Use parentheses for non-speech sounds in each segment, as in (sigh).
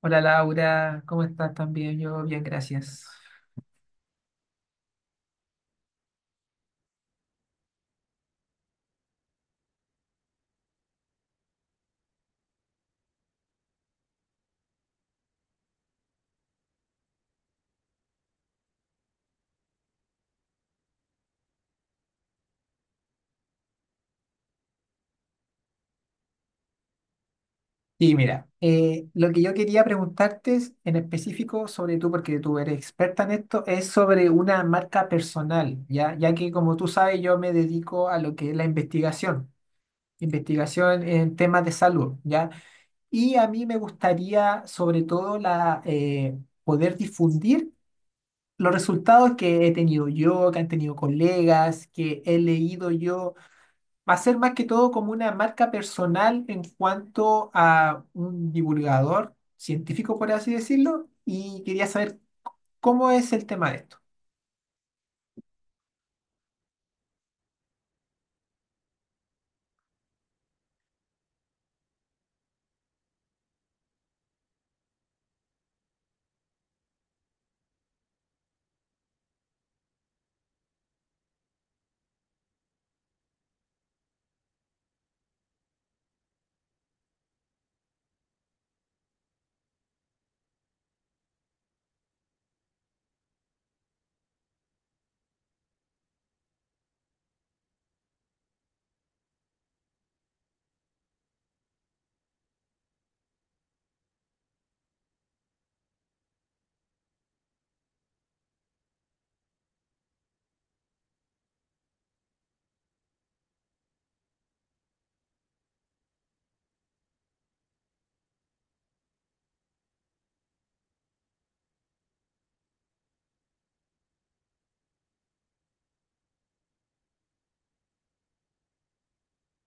Hola Laura, ¿cómo estás también? Yo bien, gracias. Y mira, lo que yo quería preguntarte es, en específico sobre tú, porque tú eres experta en esto, es sobre una marca personal, ¿ya? Ya que como tú sabes, yo me dedico a lo que es la investigación, investigación en temas de salud, ¿ya? Y a mí me gustaría sobre todo poder difundir los resultados que he tenido yo, que han tenido colegas, que he leído yo. Va a ser más que todo como una marca personal en cuanto a un divulgador científico, por así decirlo, y quería saber cómo es el tema de esto.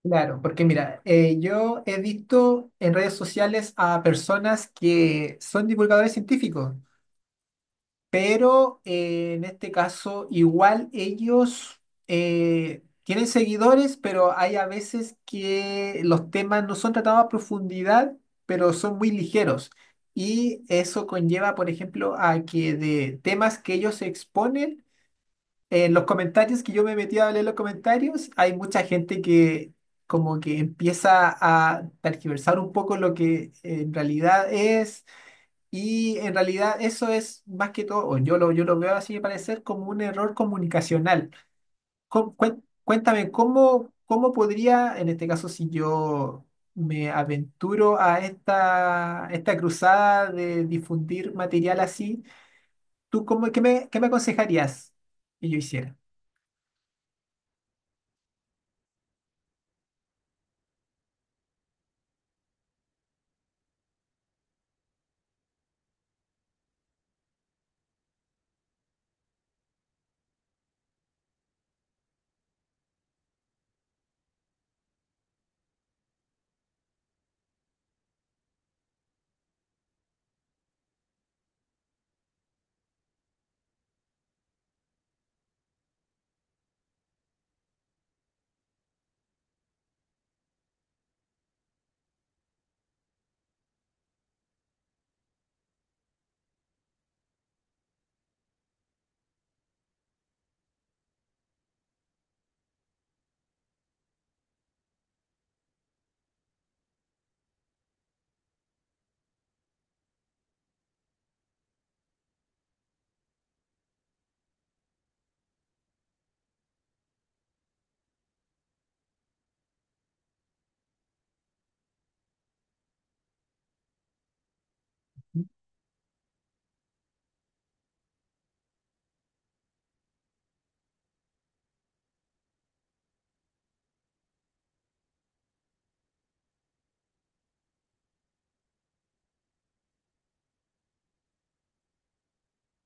Claro, porque mira, yo he visto en redes sociales a personas que son divulgadores científicos. Pero en este caso, igual ellos tienen seguidores, pero hay a veces que los temas no son tratados a profundidad, pero son muy ligeros. Y eso conlleva, por ejemplo, a que de temas que ellos exponen, en los comentarios que yo me metí a leer los comentarios, hay mucha gente que como que empieza a tergiversar un poco lo que en realidad es, y en realidad eso es más que todo, o yo lo veo así de parecer, como un error comunicacional. Cuéntame, ¿cómo, cómo podría, en este caso, si yo me aventuro a esta cruzada de difundir material así, tú cómo, qué me aconsejarías que yo hiciera?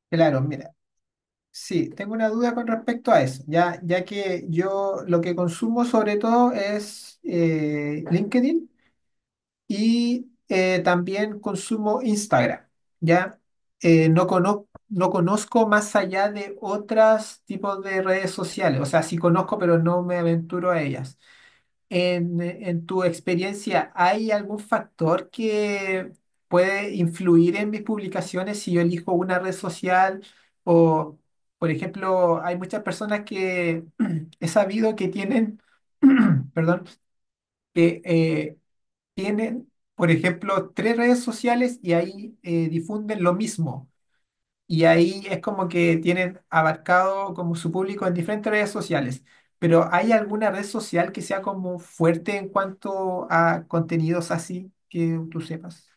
Claro, mira, sí, tengo una duda con respecto a eso, ya, ya que yo lo que consumo sobre todo es LinkedIn. Y también consumo Instagram, ¿ya? No conozco más allá de otros tipos de redes sociales, o sea, sí conozco, pero no me aventuro a ellas. En tu experiencia, ¿hay algún factor que puede influir en mis publicaciones si yo elijo una red social o, por ejemplo, hay muchas personas que (clears throat) he sabido que tienen, (clears throat) perdón, que tienen, por ejemplo, tres redes sociales y ahí difunden lo mismo? Y ahí es como que tienen abarcado como su público en diferentes redes sociales. Pero ¿hay alguna red social que sea como fuerte en cuanto a contenidos así que tú sepas?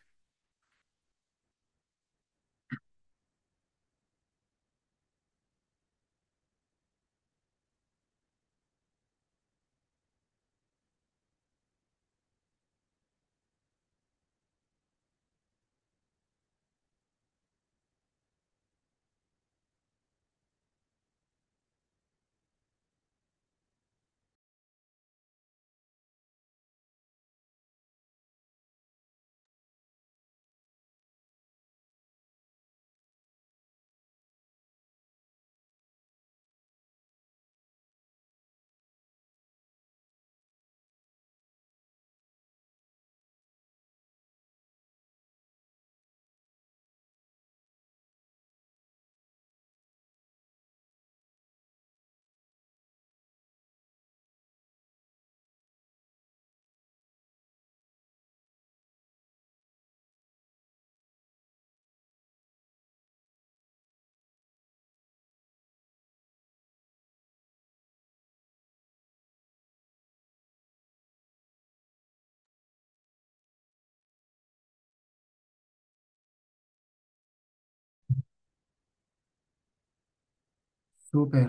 Súper,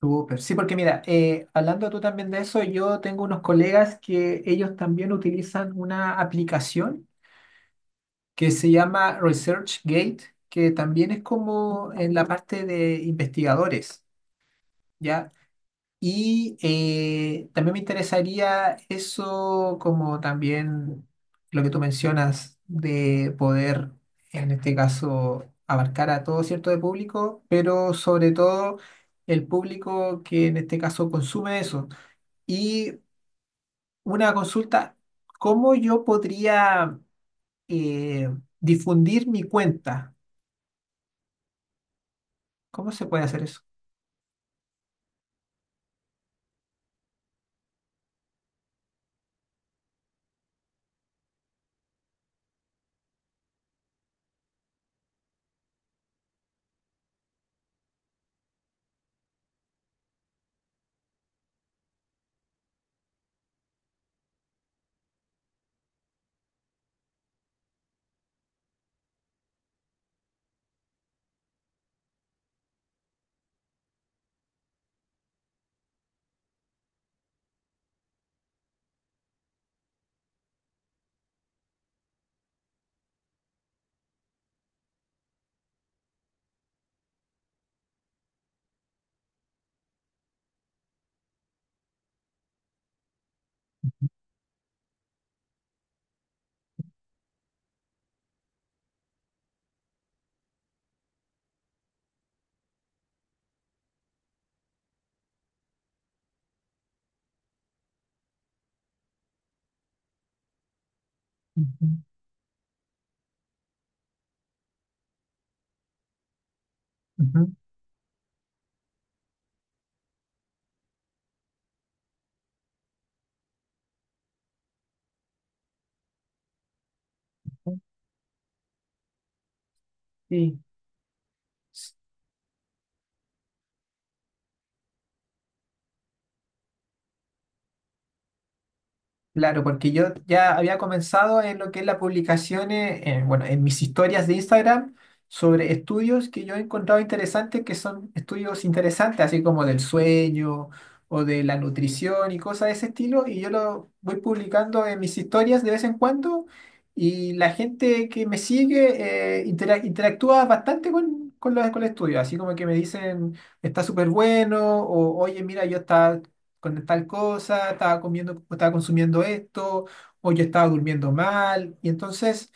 súper. Sí, porque mira, hablando tú también de eso, yo tengo unos colegas que ellos también utilizan una aplicación que se llama ResearchGate, que también es como en la parte de investigadores, ¿ya? Y también me interesaría eso como también lo que tú mencionas de poder, en este caso, abarcar a todo cierto de público, pero sobre todo el público que en este caso consume eso. Y una consulta, ¿cómo yo podría eh, difundir mi cuenta? ¿Cómo se puede hacer eso? Ujú, ujú, ujú. Sí. Claro, porque yo ya había comenzado en lo que es la publicación, bueno, en mis historias de Instagram sobre estudios que yo he encontrado interesantes, que son estudios interesantes, así como del sueño o de la nutrición y cosas de ese estilo, y yo lo voy publicando en mis historias de vez en cuando, y la gente que me sigue interactúa bastante con los, con el estudio, así como que me dicen, está súper bueno, o oye, mira, yo estaba con tal cosa, estaba comiendo, o estaba consumiendo esto, o yo estaba durmiendo mal. Y entonces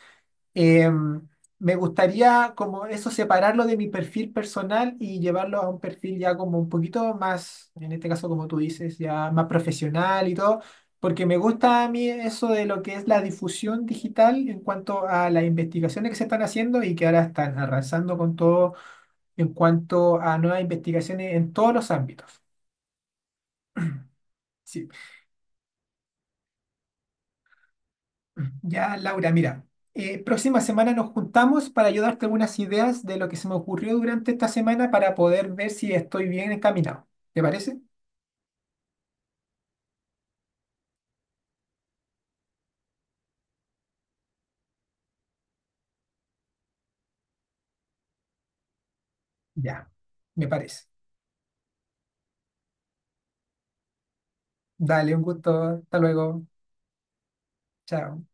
em, me gustaría como eso separarlo de mi perfil personal y llevarlo a un perfil ya como un poquito más, en este caso como tú dices, ya más profesional y todo. Porque me gusta a mí eso de lo que es la difusión digital en cuanto a las investigaciones que se están haciendo y que ahora están arrasando con todo en cuanto a nuevas investigaciones en todos los ámbitos. Sí. Ya, Laura, mira, próxima semana nos juntamos para ayudarte algunas ideas de lo que se me ocurrió durante esta semana para poder ver si estoy bien encaminado. ¿Te parece? Ya, me parece. Dale, un gusto. Hasta luego. Chao.